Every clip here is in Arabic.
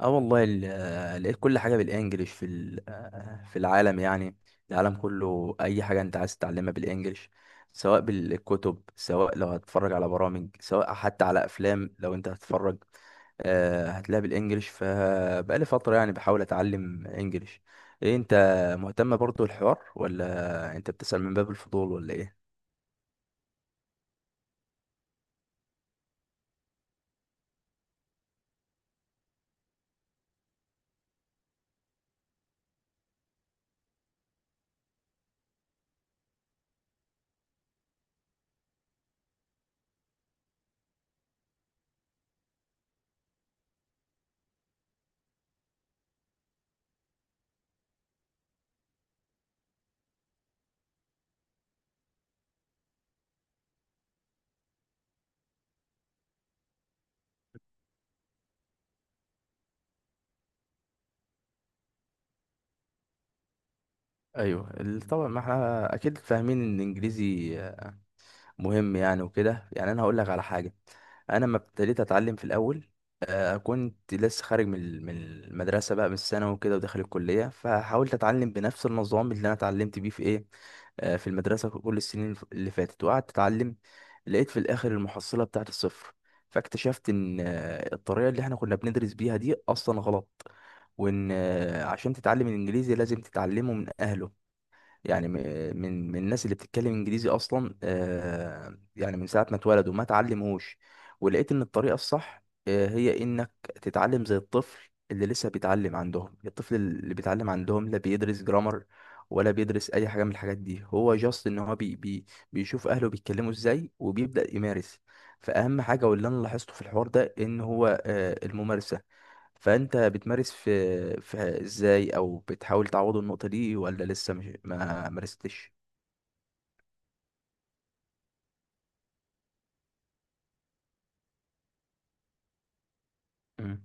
اه والله، لقيت كل حاجه بالانجلش في ال- آه، في العالم. يعني العالم كله اي حاجه انت عايز تتعلمها بالانجلش، سواء بالكتب، سواء لو هتتفرج على برامج، سواء حتى على افلام. لو انت هتتفرج هتلاقيها بالانجلش. فبقالي فتره يعني بحاول اتعلم انجلش. إيه، انت مهتم برضو الحوار، ولا انت بتسأل من باب الفضول، ولا ايه؟ ايوه، طبعا ما احنا اكيد فاهمين ان الانجليزي مهم يعني وكده. يعني انا هقول لك على حاجه. انا لما ابتديت اتعلم في الاول، كنت لسه خارج من المدرسه بقى من الثانوي وكده، وداخل الكليه، فحاولت اتعلم بنفس النظام اللي انا اتعلمت بيه في ايه، في المدرسه في كل السنين اللي فاتت، وقعدت اتعلم. لقيت في الاخر المحصله بتاعت الصفر. فاكتشفت ان الطريقه اللي احنا كنا بندرس بيها دي اصلا غلط. وان عشان تتعلم الانجليزي لازم تتعلمه من اهله. يعني من الناس اللي بتتكلم انجليزي اصلا، يعني من ساعه ما اتولدوا ما اتعلموش. ولقيت ان الطريقه الصح هي انك تتعلم زي الطفل اللي لسه بيتعلم عندهم. الطفل اللي بيتعلم عندهم لا بيدرس جرامر، ولا بيدرس اي حاجه من الحاجات دي. هو جاست ان هو بي بي بيشوف اهله بيتكلموا ازاي، وبيبدا يمارس. فاهم حاجه؟ واللي انا لاحظته في الحوار ده ان هو الممارسه. فانت بتمارس في ازاي، او بتحاول تعوض النقطة دي، ولا لسه مش ما مارستش؟ مم.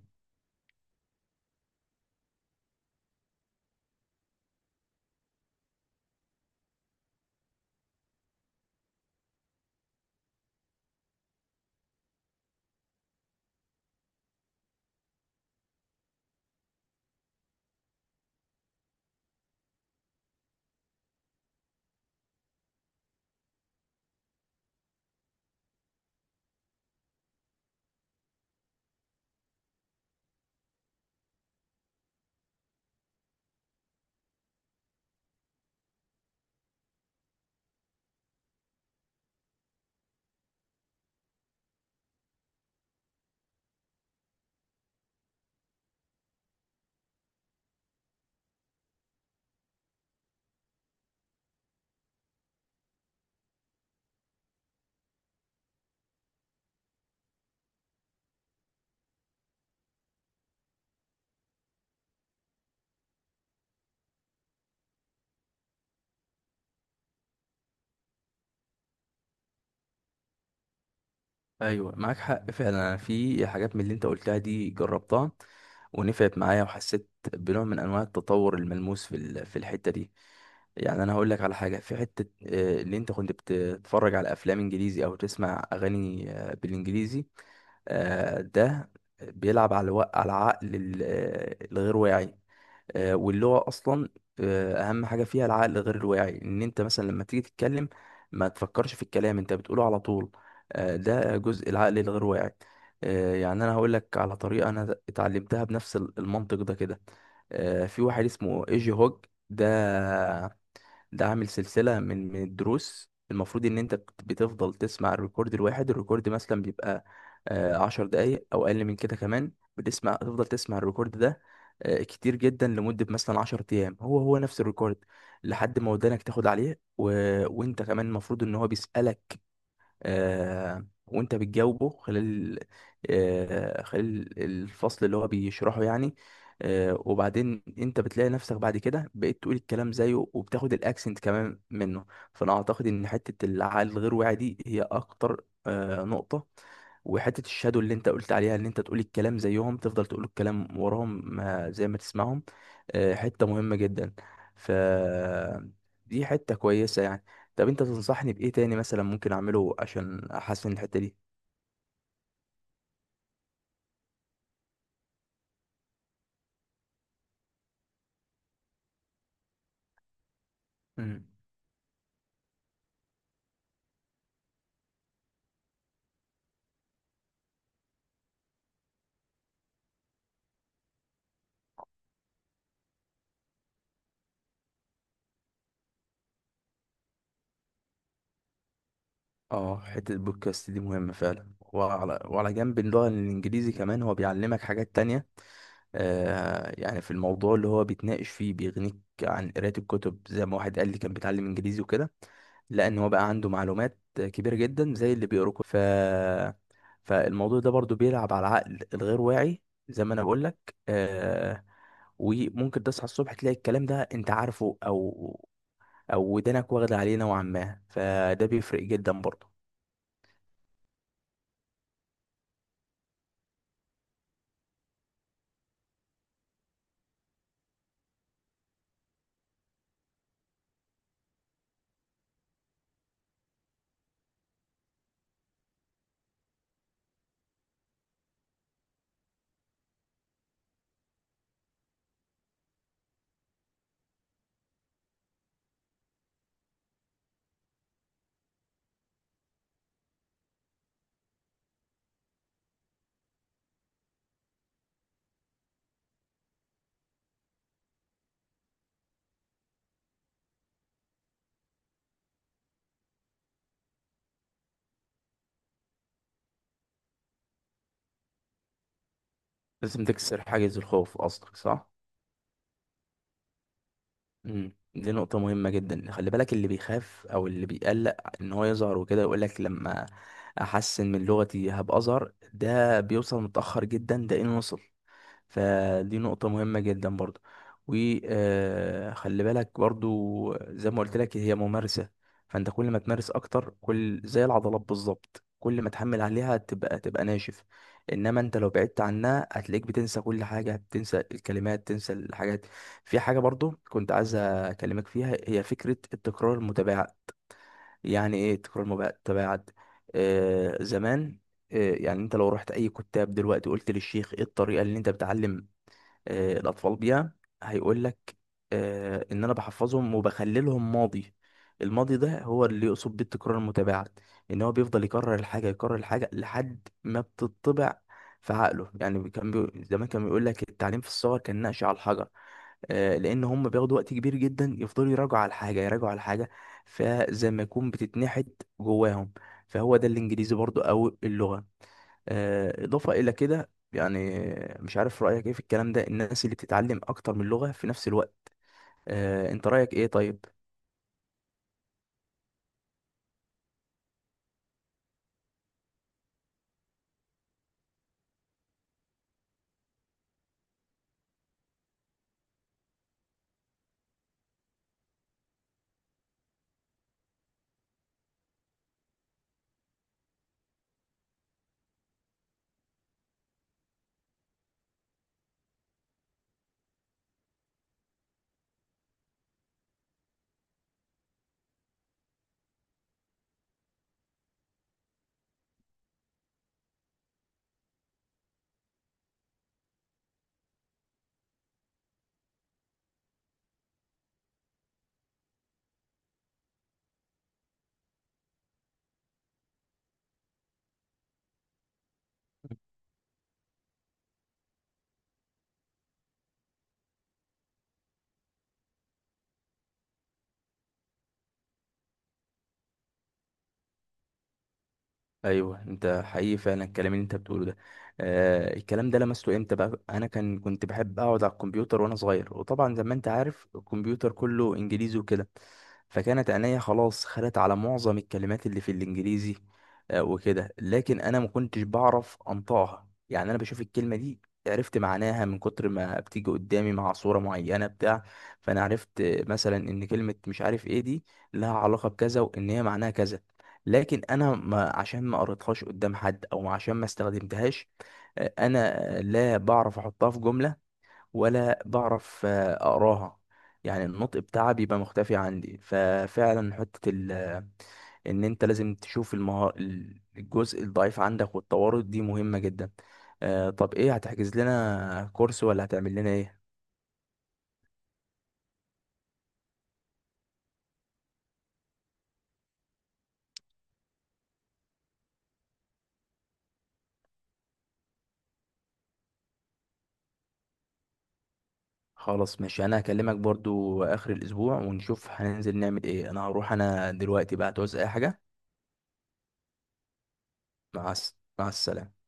ايوه، معاك حق فعلا. أنا في حاجات من اللي انت قلتها دي جربتها ونفعت معايا، وحسيت بنوع من انواع التطور الملموس في الحته دي. يعني انا هقول لك على حاجه في حته، اللي انت كنت بتتفرج على افلام انجليزي او تسمع اغاني بالانجليزي، ده بيلعب على على العقل الغير واعي. واللغة أصلا أهم حاجة فيها العقل غير الواعي. إن أنت مثلا لما تيجي تتكلم ما تفكرش في الكلام، أنت بتقوله على طول. ده جزء العقل الغير واعي. يعني أنا هقول لك على طريقة أنا اتعلمتها بنفس المنطق ده كده. في واحد اسمه إيجي هوج. ده ده عامل سلسلة من الدروس. المفروض ان انت بتفضل تسمع الريكورد الواحد. الريكورد مثلا بيبقى 10 دقايق او اقل من كده كمان. تفضل تسمع الريكورد ده كتير جدا، لمدة مثلا 10 ايام، هو هو نفس الريكورد، لحد ما ودانك تاخد عليه. و... وانت كمان المفروض ان هو بيسألك، وانت بتجاوبه خلال الفصل اللي هو بيشرحه يعني. وبعدين انت بتلاقي نفسك بعد كده بقيت تقول الكلام زيه، وبتاخد الاكسنت كمان منه. فانا اعتقد ان حتة العقل الغير واعي دي هي اكتر نقطة. وحتة الشادو اللي انت قلت عليها، ان انت تقول الكلام زيهم، تفضل تقول الكلام وراهم ما زي ما تسمعهم، حتة مهمة جدا. ف دي حتة كويسة يعني. طب انت تنصحني بايه تاني مثلا ممكن اعمله عشان احسن الحته دي؟ مم. اه، حته البودكاست دي مهمه فعلا. وعلى جنب اللغه الانجليزي كمان هو بيعلمك حاجات تانية. يعني في الموضوع اللي هو بيتناقش فيه بيغنيك عن قرايه الكتب. زي ما واحد قال لي كان بيتعلم انجليزي وكده، لان هو بقى عنده معلومات كبيره جدا زي اللي بيقرا كتب. فالموضوع ده برضو بيلعب على العقل الغير واعي، زي ما انا بقول لك. وممكن تصحى الصبح تلاقي الكلام ده انت عارفه، او ودانك واخده عليه نوعا ما، فده بيفرق جدا برضه. لازم تكسر حاجز الخوف قصدك، صح؟ دي نقطه مهمه جدا. خلي بالك، اللي بيخاف او اللي بيقلق ان هو يظهر وكده، يقول لك لما احسن من لغتي هبقى اظهر، ده بيوصل متاخر جدا، ده ان وصل. فدي نقطة مهمة جدا برضو. وخلي بالك برضو زي ما قلت لك، هي ممارسة. فانت كل ما تمارس اكتر، كل زي العضلات بالظبط، كل ما تحمل عليها تبقى ناشف. انما انت لو بعدت عنها هتلاقيك بتنسى كل حاجة، بتنسى الكلمات، تنسى الحاجات. في حاجة برضو كنت عايز اكلمك فيها، هي فكرة التكرار المتباعد. يعني ايه التكرار المتباعد؟ زمان، يعني انت لو رحت اي كتاب دلوقتي، قلت للشيخ ايه الطريقه اللي انت بتعلم الأطفال بيها، هيقول لك إن أنا بحفظهم وبخللهم ماضي. الماضي ده هو اللي يقصد بيه التكرار المتباعد. إن هو بيفضل يكرر الحاجة يكرر الحاجة لحد ما بتطبع في عقله. يعني كان زمان كان بيقول لك التعليم في الصغر كان نقش على الحجر، لان هم بياخدوا وقت كبير جدا، يفضلوا يراجعوا على الحاجه يراجعوا على الحاجه، فزي ما يكون بتتنحت جواهم. فهو ده الانجليزي برضو او اللغه. اضافه الى كده يعني. مش عارف رايك ايه في الكلام ده، الناس اللي بتتعلم اكتر من لغه في نفس الوقت، انت رايك ايه؟ طيب. ايوه، انت حقيقي فعلا الكلام اللي انت بتقوله ده. الكلام ده لمسته امتى بقى؟ انا كنت بحب اقعد على الكمبيوتر وانا صغير، وطبعا زي ما انت عارف الكمبيوتر كله انجليزي وكده. فكانت عينيا خلاص خدت على معظم الكلمات اللي في الانجليزي وكده. لكن انا ما كنتش بعرف انطقها. يعني انا بشوف الكلمه دي، عرفت معناها من كتر ما بتيجي قدامي مع صوره معينه بتاع. فانا عرفت مثلا ان كلمه مش عارف ايه دي لها علاقه بكذا، وان هي معناها كذا. لكن انا ما عشان ما قريتهاش قدام حد، او عشان ما استخدمتهاش، انا لا بعرف احطها في جملة، ولا بعرف اقراها. يعني النطق بتاعها بيبقى مختفي عندي. ففعلا حتة ال آه، ان انت لازم تشوف الجزء الضعيف عندك، والتوارد دي مهمة جدا. طب ايه، هتحجز لنا كورس ولا هتعمل لنا ايه؟ خلاص، ماشي. انا هكلمك برضو اخر الاسبوع ونشوف هننزل نعمل ايه. انا هروح. انا دلوقتي بقى تعوز اي حاجة؟ مع السلامة.